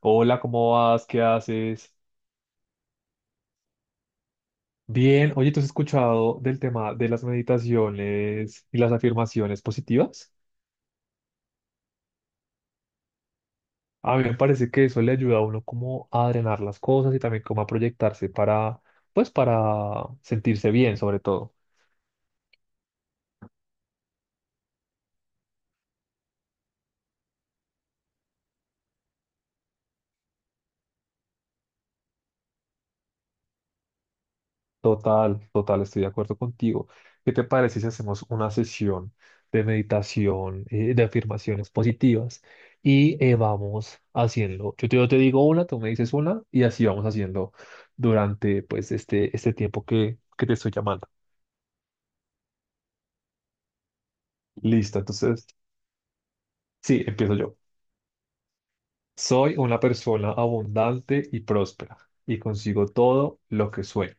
Hola, ¿cómo vas? ¿Qué haces? Bien, oye, ¿tú has escuchado del tema de las meditaciones y las afirmaciones positivas? A mí me parece que eso le ayuda a uno como a drenar las cosas y también como a proyectarse para, pues, para sentirse bien, sobre todo. Total, total, estoy de acuerdo contigo. ¿Qué te parece si hacemos una sesión de meditación, de afirmaciones positivas y vamos haciendo? Yo te digo una, tú me dices una y así vamos haciendo durante pues este tiempo que te estoy llamando. Listo, entonces, sí, empiezo yo. Soy una persona abundante y próspera y consigo todo lo que sueño.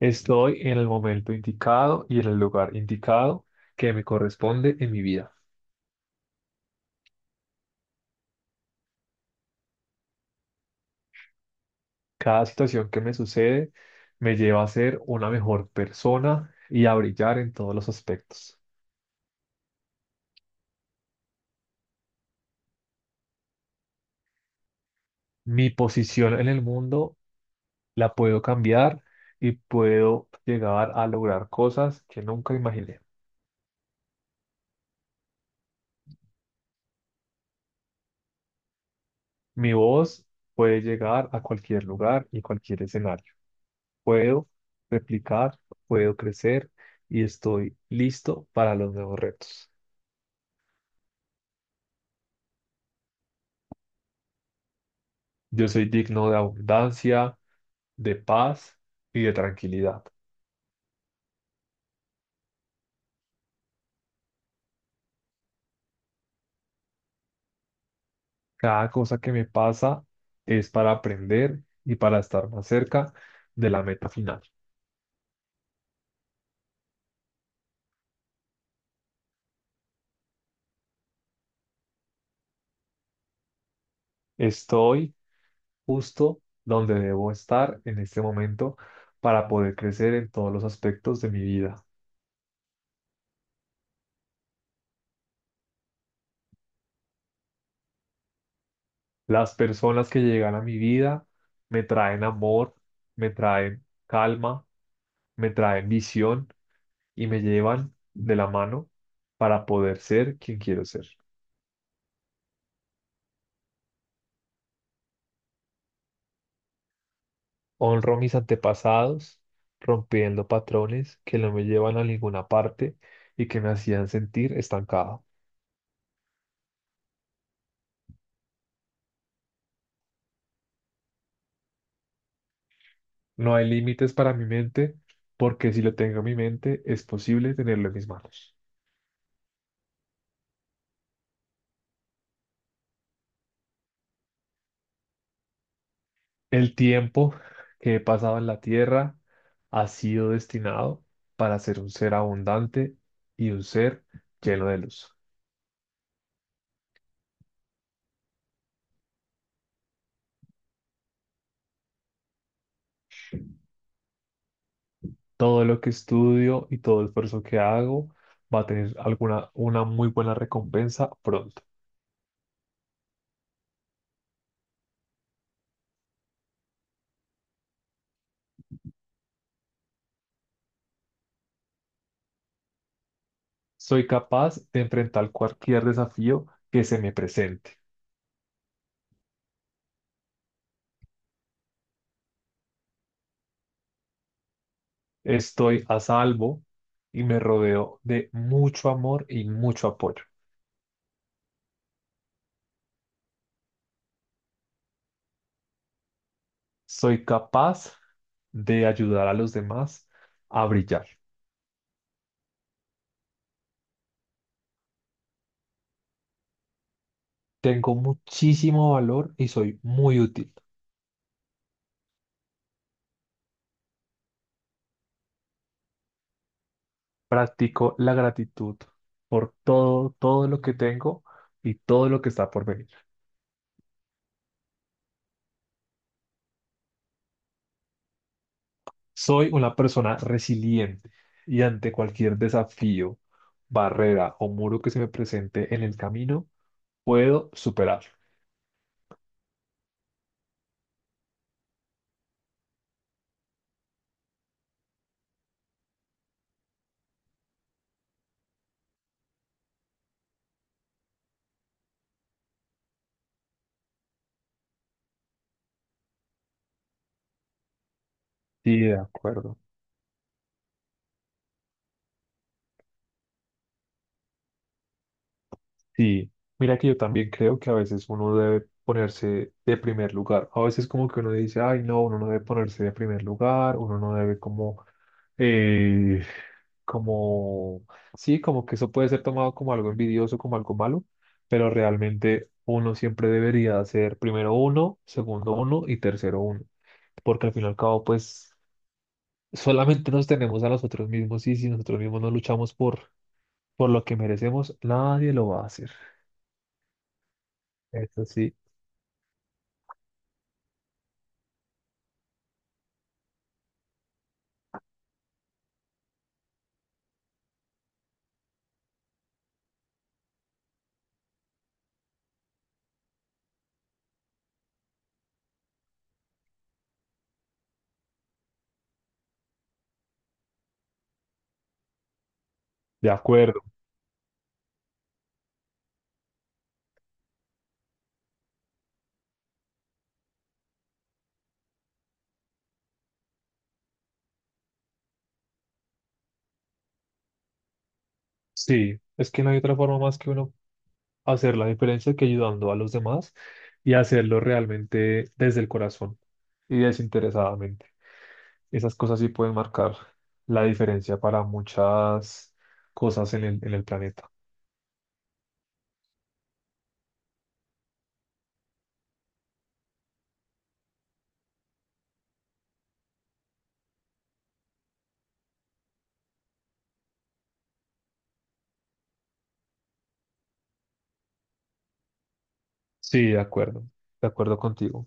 Estoy en el momento indicado y en el lugar indicado que me corresponde en mi vida. Cada situación que me sucede me lleva a ser una mejor persona y a brillar en todos los aspectos. Mi posición en el mundo la puedo cambiar y puedo llegar a lograr cosas que nunca imaginé. Mi voz puede llegar a cualquier lugar y cualquier escenario. Puedo replicar, puedo crecer y estoy listo para los nuevos retos. Yo soy digno de abundancia, de paz y de tranquilidad. Cada cosa que me pasa es para aprender y para estar más cerca de la meta final. Estoy justo donde debo estar en este momento para poder crecer en todos los aspectos de mi vida. Las personas que llegan a mi vida me traen amor, me traen calma, me traen visión y me llevan de la mano para poder ser quien quiero ser. Honro a mis antepasados, rompiendo patrones que no me llevan a ninguna parte y que me hacían sentir estancado. No hay límites para mi mente, porque si lo tengo en mi mente, es posible tenerlo en mis manos. El tiempo que he pasado en la tierra ha sido destinado para ser un ser abundante y un ser lleno de luz. Todo lo que estudio y todo el esfuerzo que hago va a tener una muy buena recompensa pronto. Soy capaz de enfrentar cualquier desafío que se me presente. Estoy a salvo y me rodeo de mucho amor y mucho apoyo. Soy capaz de ayudar a los demás a brillar. Tengo muchísimo valor y soy muy útil. Practico la gratitud por todo lo que tengo y todo lo que está por venir. Soy una persona resiliente y ante cualquier desafío, barrera o muro que se me presente en el camino, puedo superarlo. Sí, de acuerdo. Sí, mira que yo también creo que a veces uno debe ponerse de primer lugar. A veces como que uno dice, ay, no, uno no debe ponerse de primer lugar, uno no debe como eh, como, sí, como que eso puede ser tomado como algo envidioso, como algo malo, pero realmente uno siempre debería hacer primero uno, segundo uno y tercero uno, porque al fin y al cabo, pues solamente nos tenemos a nosotros mismos y si nosotros mismos no luchamos por lo que merecemos, nadie lo va a hacer. Eso sí, de acuerdo. Sí, es que no hay otra forma más que uno hacer la diferencia que ayudando a los demás y hacerlo realmente desde el corazón y desinteresadamente. Esas cosas sí pueden marcar la diferencia para muchas cosas en en el planeta. Sí, de acuerdo contigo.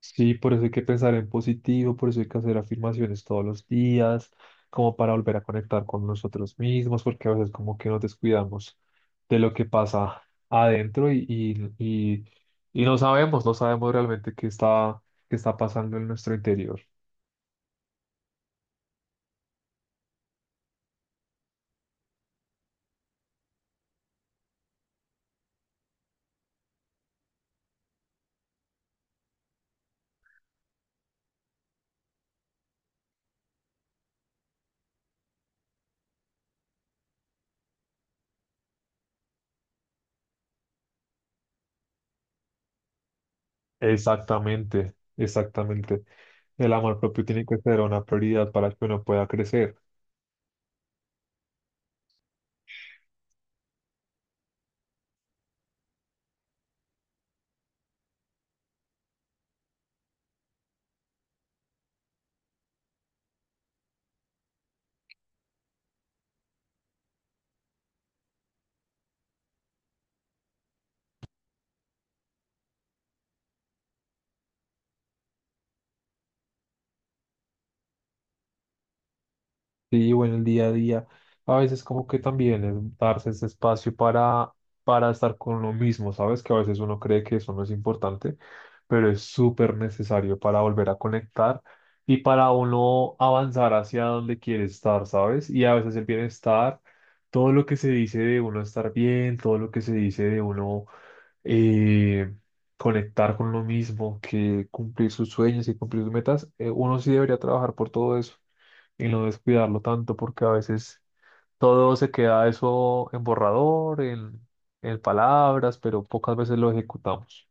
Sí, por eso hay que pensar en positivo, por eso hay que hacer afirmaciones todos los días, como para volver a conectar con nosotros mismos, porque a veces como que nos descuidamos de lo que pasa adentro y no sabemos, no sabemos realmente qué qué está pasando en nuestro interior. Exactamente, exactamente. El amor propio tiene que ser una prioridad para que uno pueda crecer. Sí, o en el día a día, a veces como que también es darse ese espacio para estar con uno mismo, ¿sabes? Que a veces uno cree que eso no es importante, pero es súper necesario para volver a conectar y para uno avanzar hacia donde quiere estar, ¿sabes? Y a veces el bienestar, todo lo que se dice de uno estar bien, todo lo que se dice de uno eh, conectar con lo mismo, que cumplir sus sueños y cumplir sus metas, uno sí debería trabajar por todo eso y no descuidarlo tanto, porque a veces todo se queda eso en borrador, en palabras, pero pocas veces lo ejecutamos.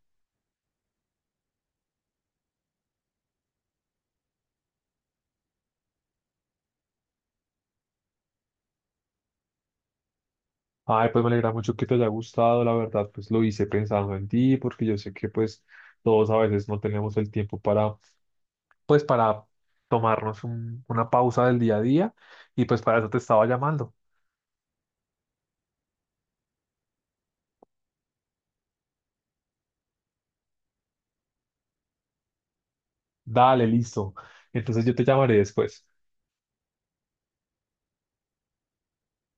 Ay, pues me alegra mucho que te haya gustado, la verdad, pues lo hice pensando en ti, porque yo sé que pues todos a veces no tenemos el tiempo para, pues para tomarnos un- una pausa del día a día y pues para eso te estaba llamando. Dale, listo. Entonces yo te llamaré después.